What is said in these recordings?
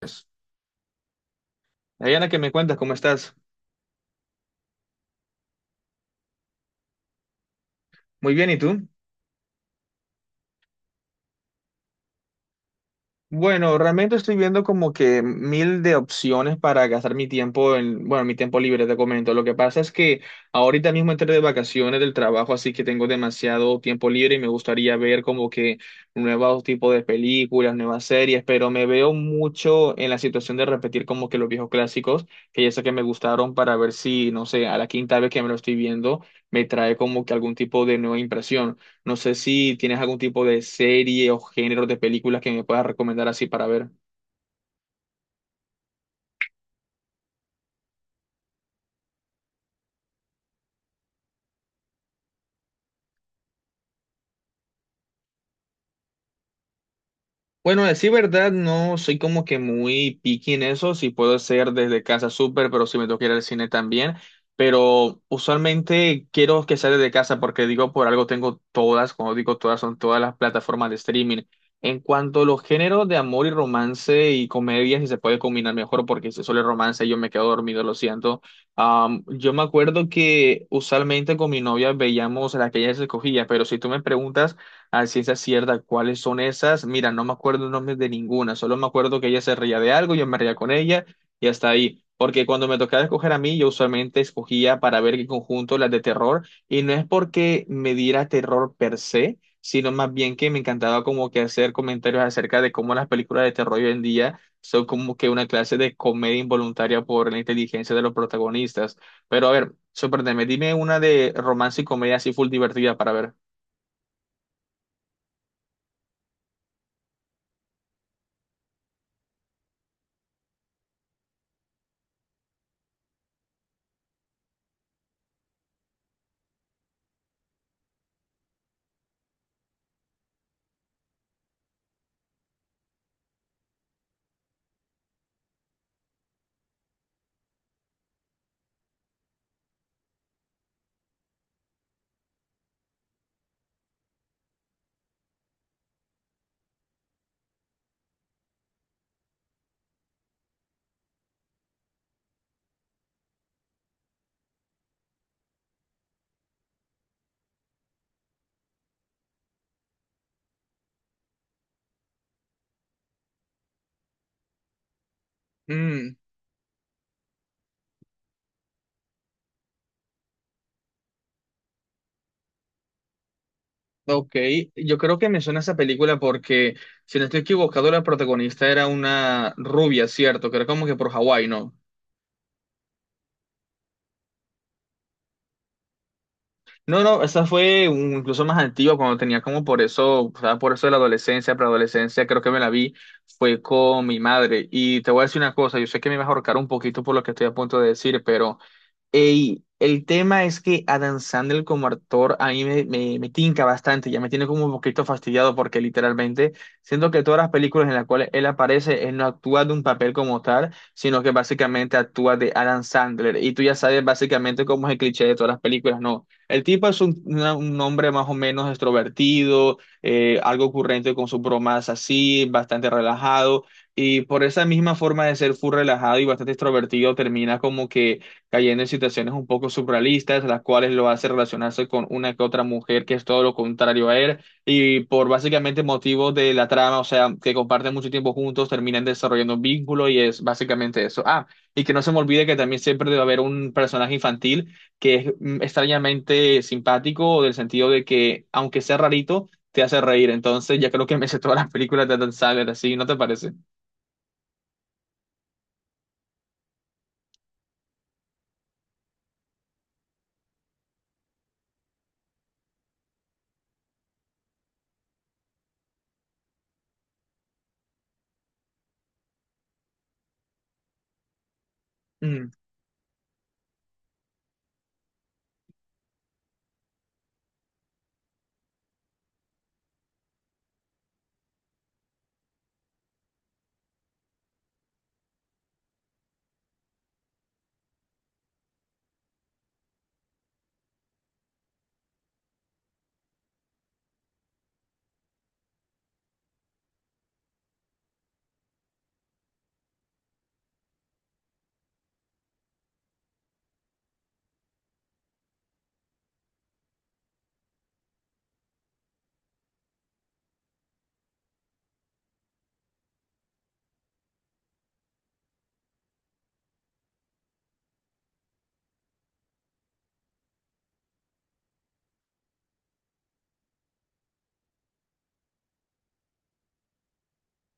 Pues, Dayana, ¿qué me cuentas? ¿Cómo estás? Muy bien, ¿y tú? Bueno, realmente estoy viendo como que mil de opciones para gastar mi tiempo en, bueno, mi tiempo libre, te comento. Lo que pasa es que ahorita mismo entré de vacaciones del trabajo, así que tengo demasiado tiempo libre y me gustaría ver como que nuevos tipos de películas, nuevas series, pero me veo mucho en la situación de repetir como que los viejos clásicos, que ya sé que me gustaron para ver si, no sé, a la quinta vez que me lo estoy viendo, me trae como que algún tipo de nueva impresión. No sé si tienes algún tipo de serie o género de películas que me puedas recomendar así para ver. Bueno, a decir verdad, no soy como que muy picky en eso, si puedo hacer desde casa súper, pero si me tengo ir al cine también, pero usualmente quiero que sea desde casa porque digo, por algo tengo todas, cuando digo todas, son todas las plataformas de streaming. En cuanto a los géneros de amor y romance y comedia, si se puede combinar mejor, porque si solo es romance yo me quedo dormido, lo siento. Yo me acuerdo que usualmente con mi novia veíamos las que ella se escogía, pero si tú me preguntas a ciencia cierta cuáles son esas. Mira, no me acuerdo el nombre de ninguna, solo me acuerdo que ella se reía de algo, yo me reía con ella y hasta ahí. Porque cuando me tocaba escoger a mí, yo usualmente escogía para ver qué conjunto las de terror y no es porque me diera terror per se, sino más bien que me encantaba como que hacer comentarios acerca de cómo las películas de terror hoy en día son como que una clase de comedia involuntaria por la inteligencia de los protagonistas. Pero a ver, sorpréndeme, dime una de romance y comedia así full divertida para ver. Ok, yo creo que me suena esa película porque, si no estoy equivocado, la protagonista era una rubia, ¿cierto? Que era como que por Hawái, ¿no? No, no, esa fue incluso más antigua, cuando tenía como por eso, o sea, por eso de la adolescencia, preadolescencia, creo que me la vi, fue con mi madre. Y te voy a decir una cosa, yo sé que me vas a ahorcar un poquito por lo que estoy a punto de decir, pero ey, el tema es que Adam Sandler como actor a mí me tinca bastante, ya me tiene como un poquito fastidiado porque literalmente siento que todas las películas en las cuales él aparece, él no actúa de un papel como tal, sino que básicamente actúa de Adam Sandler. Y tú ya sabes básicamente cómo es el cliché de todas las películas, ¿no? El tipo es un hombre más o menos extrovertido, algo ocurrente con sus bromas así, bastante relajado. Y por esa misma forma de ser full relajado y bastante extrovertido, termina como que cayendo en situaciones un poco surrealistas, las cuales lo hace relacionarse con una que otra mujer que es todo lo contrario a él, y por básicamente motivos de la trama, o sea, que comparten mucho tiempo juntos, terminan desarrollando un vínculo y es básicamente eso. Ah, y que no se me olvide que también siempre debe haber un personaje infantil que es extrañamente simpático, del sentido de que, aunque sea rarito, te hace reír. Entonces, ya creo que me sé todas las películas de Adam Sandler, así, ¿no te parece?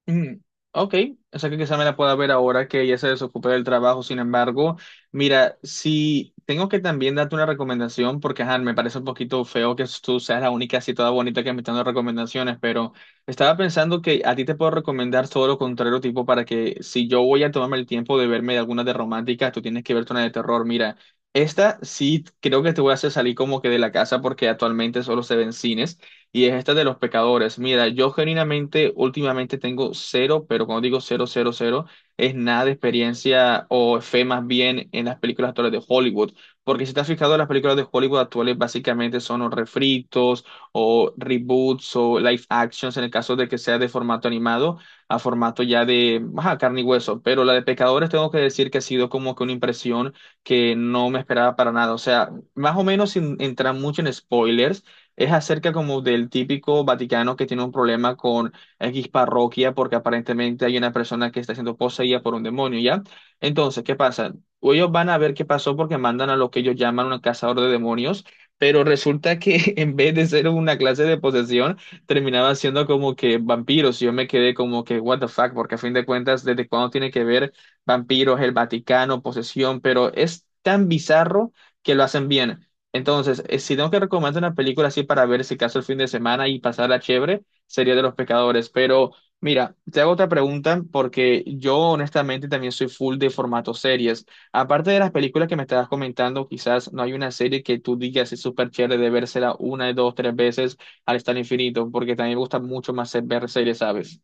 Mm, ok, o sea que quizá me la pueda ver ahora que ella se desocupe del trabajo. Sin embargo, mira, si tengo que también darte una recomendación, porque ajá, me parece un poquito feo que tú seas la única así toda bonita que me está dando recomendaciones, pero estaba pensando que a ti te puedo recomendar todo lo contrario, tipo para que si yo voy a tomarme el tiempo de verme de alguna de románticas, tú tienes que verte una de terror. Mira, esta sí creo que te voy a hacer salir como que de la casa porque actualmente solo se ven cines y es esta de los pecadores. Mira, yo genuinamente últimamente tengo cero, pero cuando digo cero, cero, cero, es nada de experiencia o fe más bien en las películas actuales de Hollywood. Porque si te has fijado, las películas de Hollywood actuales básicamente son o refritos o reboots o live actions en el caso de que sea de formato animado a formato ya de ajá, carne y hueso. Pero la de pecadores tengo que decir que ha sido como que una impresión que no me esperaba para nada. O sea, más o menos sin entrar mucho en spoilers es acerca como del típico Vaticano que tiene un problema con X parroquia porque aparentemente hay una persona que está siendo poseída por un demonio, ¿ya? Entonces, ¿qué pasa? Ellos van a ver qué pasó porque mandan a lo que ellos llaman un cazador de demonios, pero resulta que en vez de ser una clase de posesión, terminaba siendo como que vampiros. Y yo me quedé como que, what the fuck, porque a fin de cuentas, ¿desde cuándo tiene que ver vampiros, el Vaticano, posesión? Pero es tan bizarro que lo hacen bien. Entonces, si tengo que recomendar una película así para ver si caso el fin de semana y pasarla chévere, sería de Los Pecadores. Pero mira, te hago otra pregunta porque yo honestamente también soy full de formato series. Aparte de las películas que me estabas comentando, quizás no hay una serie que tú digas es súper chévere de vérsela una, dos, tres veces al estar infinito, porque también me gusta mucho más ver series, ¿sabes?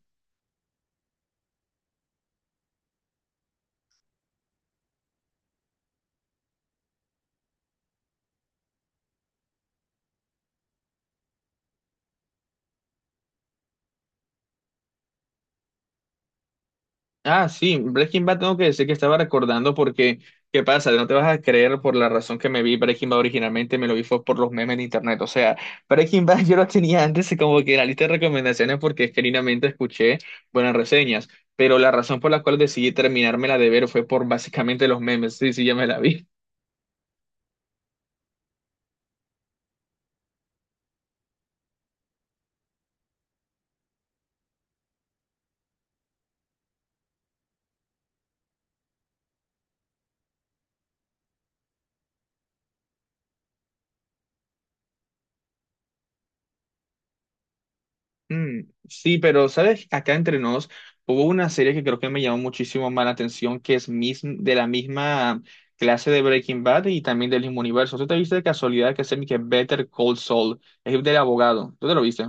Ah, sí, Breaking Bad tengo que decir que estaba recordando porque, ¿qué pasa? No te vas a creer por la razón que me vi Breaking Bad originalmente, me lo vi fue por los memes en internet. O sea, Breaking Bad yo lo tenía antes y como que en la lista de recomendaciones porque genuinamente escuché buenas reseñas, pero la razón por la cual decidí terminármela de ver fue por básicamente los memes. Sí, sí, ya me la vi. Mm, sí, pero sabes, acá entre nos hubo una serie que creo que me llamó muchísimo más la atención, que es de la misma clase de Breaking Bad y también del mismo universo. ¿Tú te viste de casualidad que Better Call Saul? Es del abogado. ¿Tú te lo viste?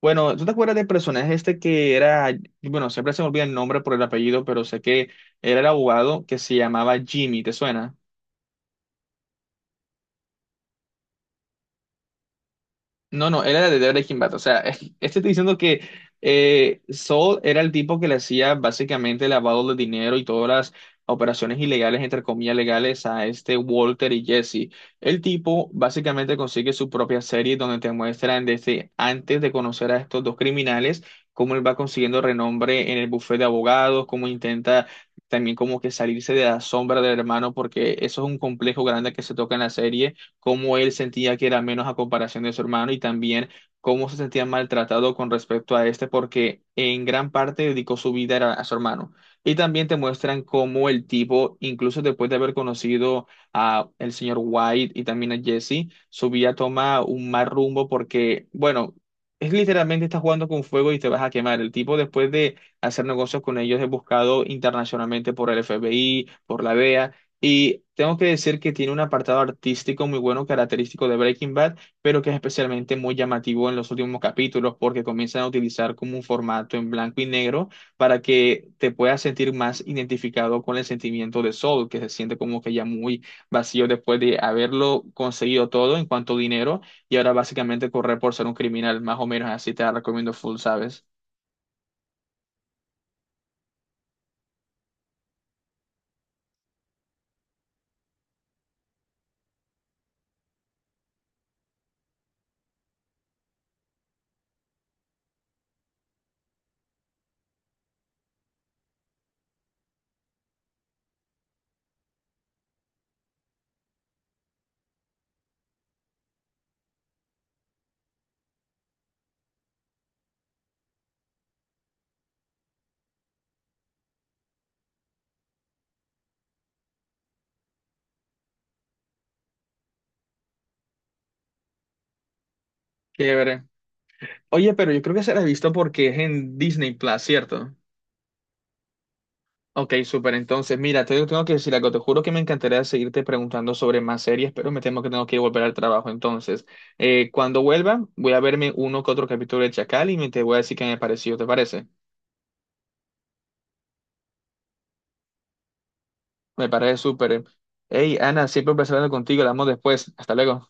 Bueno, ¿tú te acuerdas del personaje este que era, bueno, siempre se me olvida el nombre por el apellido, pero sé que era el abogado que se llamaba Jimmy, ¿te suena? No, no, él era de Breaking Bad. O sea, este estoy diciendo que Saul era el tipo que le hacía básicamente lavado de dinero y todas las operaciones ilegales, entre comillas, legales a este Walter y Jesse. El tipo básicamente consigue su propia serie donde te muestran desde antes de conocer a estos dos criminales, cómo él va consiguiendo renombre en el bufete de abogados, cómo intenta también como que salirse de la sombra del hermano, porque eso es un complejo grande que se toca en la serie cómo él sentía que era menos a comparación de su hermano y también cómo se sentía maltratado con respecto a este, porque en gran parte dedicó su vida era a su hermano. Y también te muestran cómo el tipo, incluso después de haber conocido a el señor White y también a Jesse, su vida toma un mal rumbo porque, bueno, es literalmente estás jugando con fuego y te vas a quemar. El tipo, después de hacer negocios con ellos, es buscado internacionalmente por el FBI, por la DEA. Y tengo que decir que tiene un apartado artístico muy bueno, característico de Breaking Bad, pero que es especialmente muy llamativo en los últimos capítulos porque comienzan a utilizar como un formato en blanco y negro para que te puedas sentir más identificado con el sentimiento de Saul, que se siente como que ya muy vacío después de haberlo conseguido todo en cuanto a dinero y ahora básicamente correr por ser un criminal, más o menos así te la recomiendo full, ¿sabes? Chévere. Oye, pero yo creo que se la he visto porque es en Disney Plus, ¿cierto? Ok, súper. Entonces, mira, te tengo que decir algo. Te juro que me encantaría seguirte preguntando sobre más series, pero me temo que tengo que volver al trabajo. Entonces, cuando vuelva, voy a verme uno que otro capítulo de Chacal y me te voy a decir qué me pareció. ¿Te parece? Me parece súper. Hey, Ana, siempre un placer hablar contigo. Hablamos después. Hasta luego.